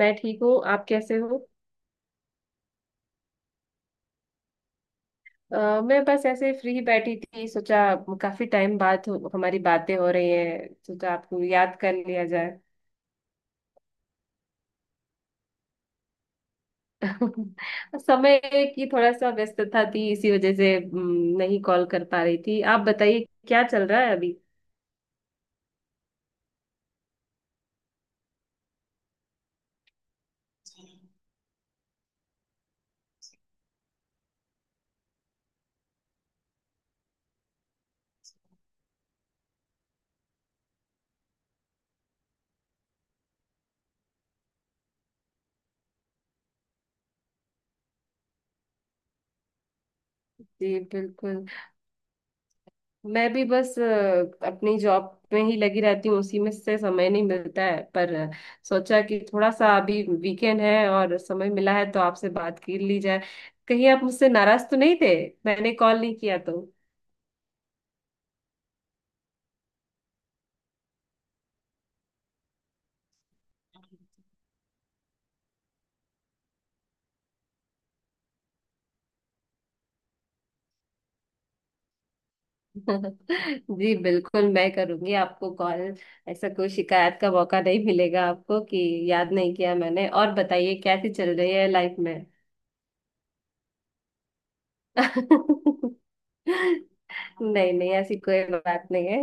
मैं ठीक हूँ। आप कैसे हो? मैं बस ऐसे फ्री बैठी थी, सोचा काफी टाइम बाद हमारी बातें हो रही हैं, सोचा आपको याद कर लिया जाए। समय की थोड़ा सा व्यस्तता थी, इसी वजह से नहीं कॉल कर पा रही थी। आप बताइए क्या चल रहा है अभी? जी बिल्कुल। मैं भी बस अपनी जॉब में ही लगी रहती हूँ, उसी में से समय नहीं मिलता है। पर सोचा कि थोड़ा सा अभी वीकेंड है और समय मिला है तो आपसे बात कर ली जाए। कहीं आप मुझसे नाराज तो नहीं थे, मैंने कॉल नहीं किया तो? जी बिल्कुल, मैं करूंगी आपको कॉल। ऐसा कोई शिकायत का मौका नहीं मिलेगा आपको कि याद नहीं किया मैंने। और बताइए, कैसी चल रही है लाइफ में? नहीं नहीं, ऐसी कोई बात नहीं है।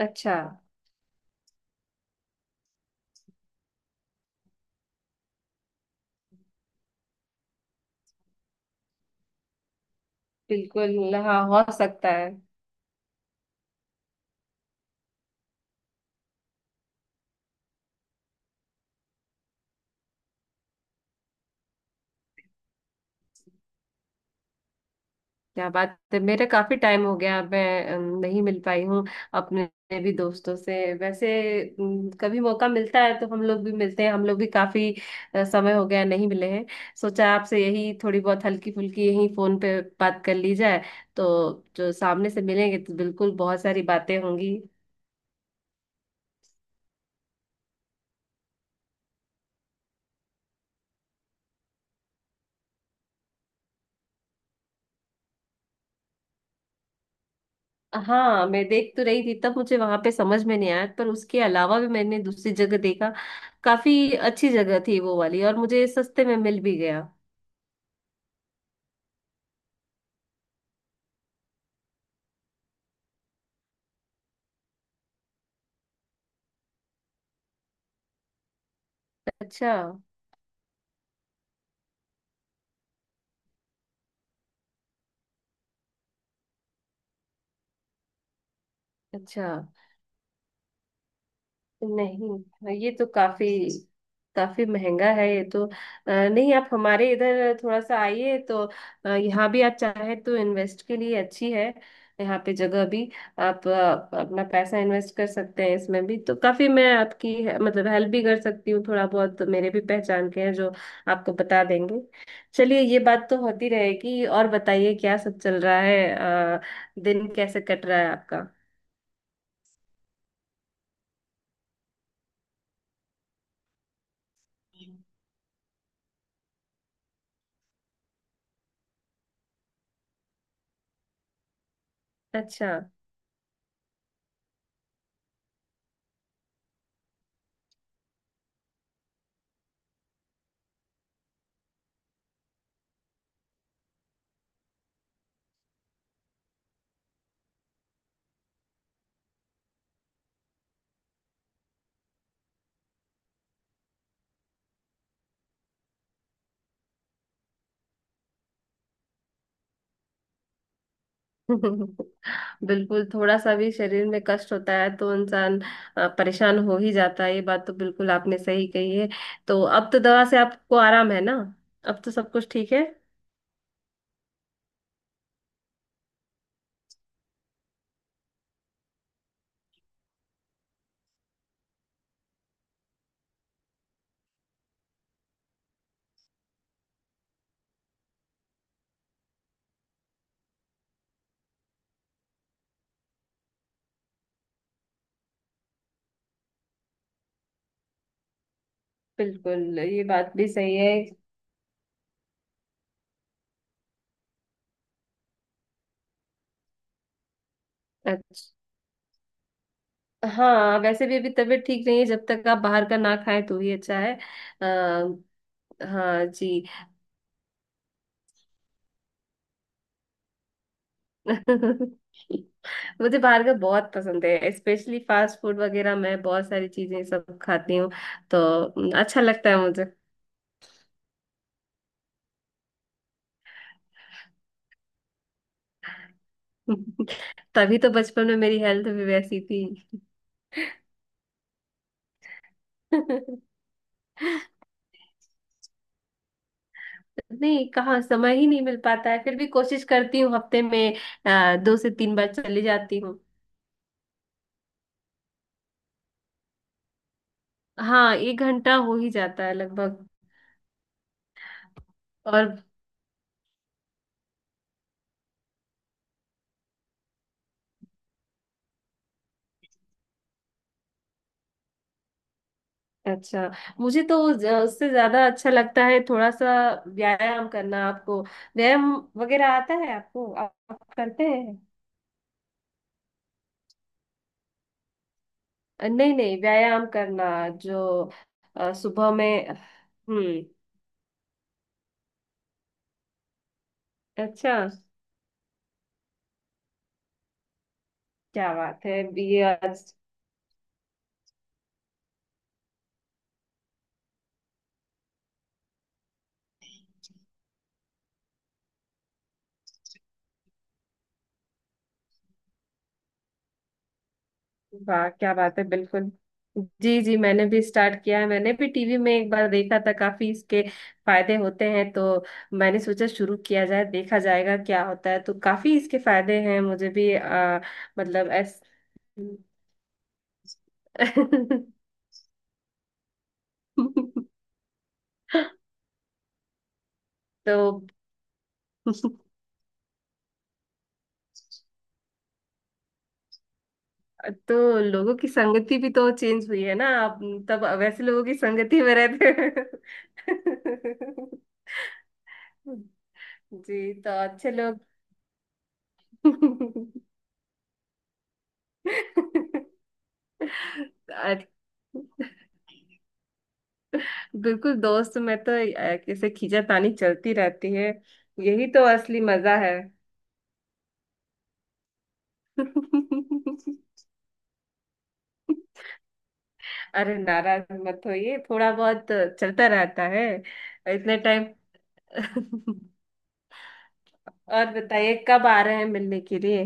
अच्छा, बिल्कुल। हाँ, हो सकता है। क्या बात है, मेरे काफी टाइम हो गया मैं नहीं मिल पाई हूँ अपने भी दोस्तों से वैसे। कभी मौका मिलता है तो हम लोग भी मिलते हैं, हम लोग भी काफी समय हो गया नहीं मिले हैं। सोचा आपसे यही थोड़ी बहुत हल्की फुल्की यही फोन पे बात कर ली जाए, तो जो सामने से मिलेंगे तो बिल्कुल बहुत सारी बातें होंगी। हाँ, मैं देख तो रही थी, तब मुझे वहां पे समझ में नहीं आया, पर उसके अलावा भी मैंने दूसरी जगह देखा। काफी अच्छी जगह थी वो वाली, और मुझे सस्ते में मिल भी गया। अच्छा। अच्छा। नहीं, हाँ, ये तो काफी काफी महंगा है ये तो। नहीं, आप हमारे इधर थोड़ा सा आइए तो। यहाँ भी आप चाहे तो इन्वेस्ट के लिए अच्छी है यहाँ पे जगह भी। आप अपना पैसा इन्वेस्ट कर सकते हैं इसमें भी, तो काफी मैं आपकी मतलब हेल्प भी कर सकती हूँ। थोड़ा बहुत तो मेरे भी पहचान के हैं जो आपको बता देंगे। चलिए, ये बात तो होती रहेगी। और बताइए क्या सब चल रहा है? अ, दिन कैसे कट रहा है आपका? अच्छा। बिल्कुल, थोड़ा सा भी शरीर में कष्ट होता है तो इंसान परेशान हो ही जाता है। ये बात तो बिल्कुल आपने सही कही है। तो अब तो दवा से आपको आराम है ना? अब तो सब कुछ ठीक है। बिल्कुल, ये बात भी सही है। अच्छा। हाँ, वैसे भी अभी तबीयत ठीक नहीं है, जब तक आप बाहर का ना खाएं तो ही अच्छा है। आ, हाँ जी। मुझे बाहर का बहुत पसंद है, स्पेशली फास्ट फूड वगैरह, मैं बहुत सारी चीजें सब खाती हूँ, तो अच्छा लगता है मुझे। तभी तो बचपन में मेरी हेल्थ भी वैसी थी। नहीं, कहाँ समय ही नहीं मिल पाता है, फिर भी कोशिश करती हूँ हफ्ते में 2 से 3 बार चली जाती हूँ। हाँ, 1 घंटा हो ही जाता है लगभग। और अच्छा, मुझे तो उससे ज्यादा अच्छा लगता है थोड़ा सा व्यायाम करना। आपको व्यायाम वगैरह आता है? आपको, आप करते हैं? नहीं नहीं, व्यायाम करना, जो सुबह में। हम्म। अच्छा, क्या बात है बीए आज। वाह क्या बात है, बिल्कुल। जी जी, मैंने भी स्टार्ट किया है। मैंने भी टीवी में एक बार देखा था, काफी इसके फायदे होते हैं, तो मैंने सोचा शुरू किया जाए, देखा जाएगा क्या होता है। तो काफी इसके फायदे हैं मुझे भी। मतलब ऐस तो तो लोगों की संगति भी तो चेंज हुई है ना आप? तब वैसे लोगों की संगति में रहते हैं। जी, तो अच्छे लोग। आज- बिल्कुल, दोस्त में तो ऐसे खींचातानी चलती रहती है। यही तो असली मजा है। अरे, नाराज मत होइए, थोड़ा बहुत चलता रहता है इतने टाइम। और बताइए कब आ रहे हैं मिलने के लिए?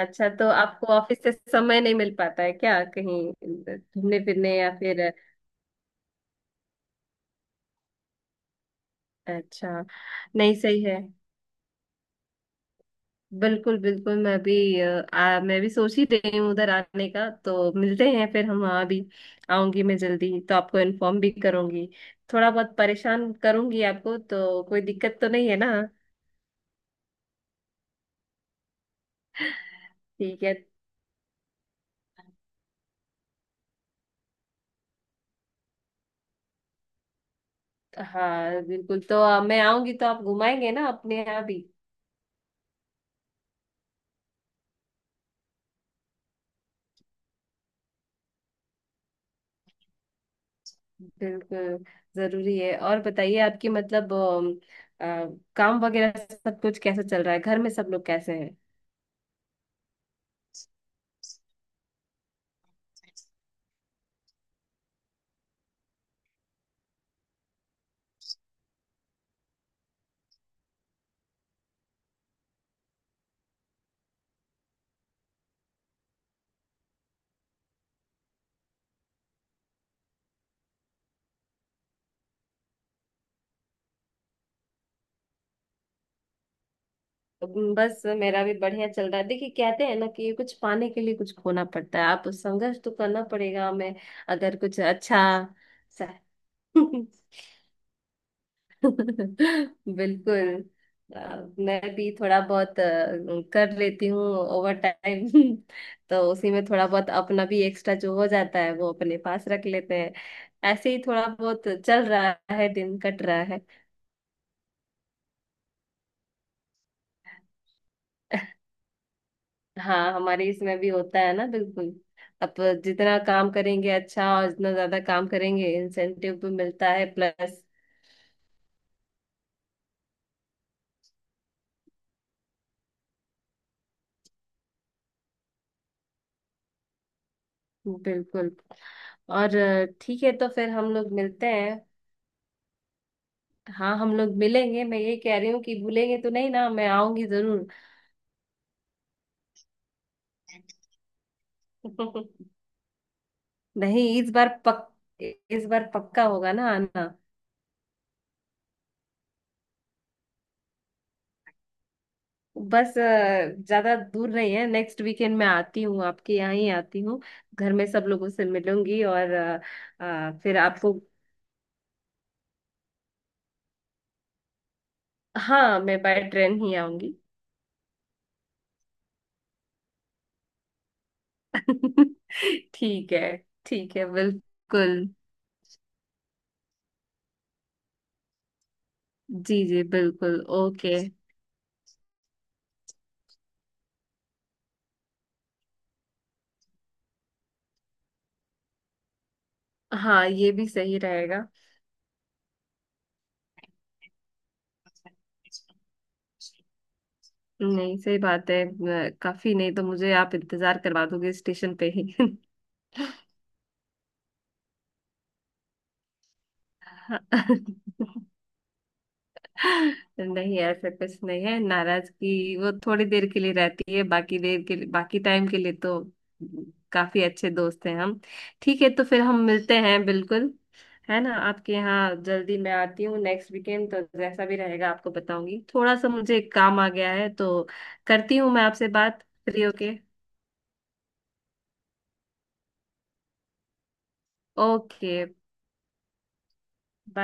अच्छा, तो आपको ऑफिस से समय नहीं मिल पाता है क्या, कहीं घूमने फिरने या फिर? अच्छा, नहीं, सही है, बिल्कुल बिल्कुल। मैं भी मैं भी सोच ही रही हूँ उधर आने का, तो मिलते हैं फिर हम वहाँ भी। आऊंगी मैं जल्दी, तो आपको इन्फॉर्म भी करूंगी। थोड़ा बहुत परेशान करूंगी आपको, तो कोई दिक्कत तो नहीं है ना? ठीक है। हाँ बिल्कुल, तो मैं आऊंगी तो आप घुमाएंगे ना अपने यहाँ भी? बिल्कुल जरूरी है। और बताइए आपकी मतलब अ, काम वगैरह सब कुछ कैसा चल रहा है? घर में सब लोग कैसे? बस मेरा भी बढ़िया चल रहा है। देखिए, कहते हैं ना कि कुछ पाने के लिए कुछ खोना पड़ता है, आप संघर्ष तो करना पड़ेगा हमें अगर कुछ अच्छा सा। बिल्कुल। अ, मैं भी थोड़ा बहुत कर लेती हूँ ओवर टाइम। तो उसी में थोड़ा बहुत अपना भी एक्स्ट्रा जो हो जाता है वो अपने पास रख लेते हैं। ऐसे ही थोड़ा बहुत चल रहा है, दिन कट रहा है। हाँ, हमारे इसमें भी होता है ना, बिल्कुल। अब जितना काम करेंगे अच्छा, और जितना ज्यादा काम करेंगे इंसेंटिव भी मिलता है प्लस। बिल्कुल। और ठीक है, तो फिर हम लोग मिलते हैं। हाँ, हम लोग मिलेंगे। मैं ये कह रही हूँ कि भूलेंगे तो नहीं ना, मैं आऊंगी जरूर। नहीं, इस बार पक्का होगा ना आना। बस ज्यादा दूर नहीं है, नेक्स्ट वीकेंड मैं आती हूँ, आपके यहाँ ही आती हूँ। घर में सब लोगों से मिलूंगी। और फिर आपको, हाँ, मैं बाय ट्रेन ही आऊंगी। ठीक है। ठीक है बिल्कुल। जी जी बिल्कुल, ओके। हाँ, ये भी सही रहेगा। नहीं, सही बात है। काफी नहीं तो मुझे आप इंतजार करवा दोगे स्टेशन पे ही। नहीं, ऐसा कुछ नहीं है। नाराजगी वो थोड़ी देर के लिए रहती है, बाकी देर के लिए, बाकी टाइम के लिए तो काफी अच्छे दोस्त हैं हम। ठीक है, तो फिर हम मिलते हैं बिल्कुल, है ना? आपके यहाँ जल्दी मैं आती हूँ नेक्स्ट वीकेंड, तो जैसा भी रहेगा आपको बताऊंगी। थोड़ा सा मुझे एक काम आ गया है, तो करती हूँ मैं आपसे बात फ्री होके। ओके। बाय।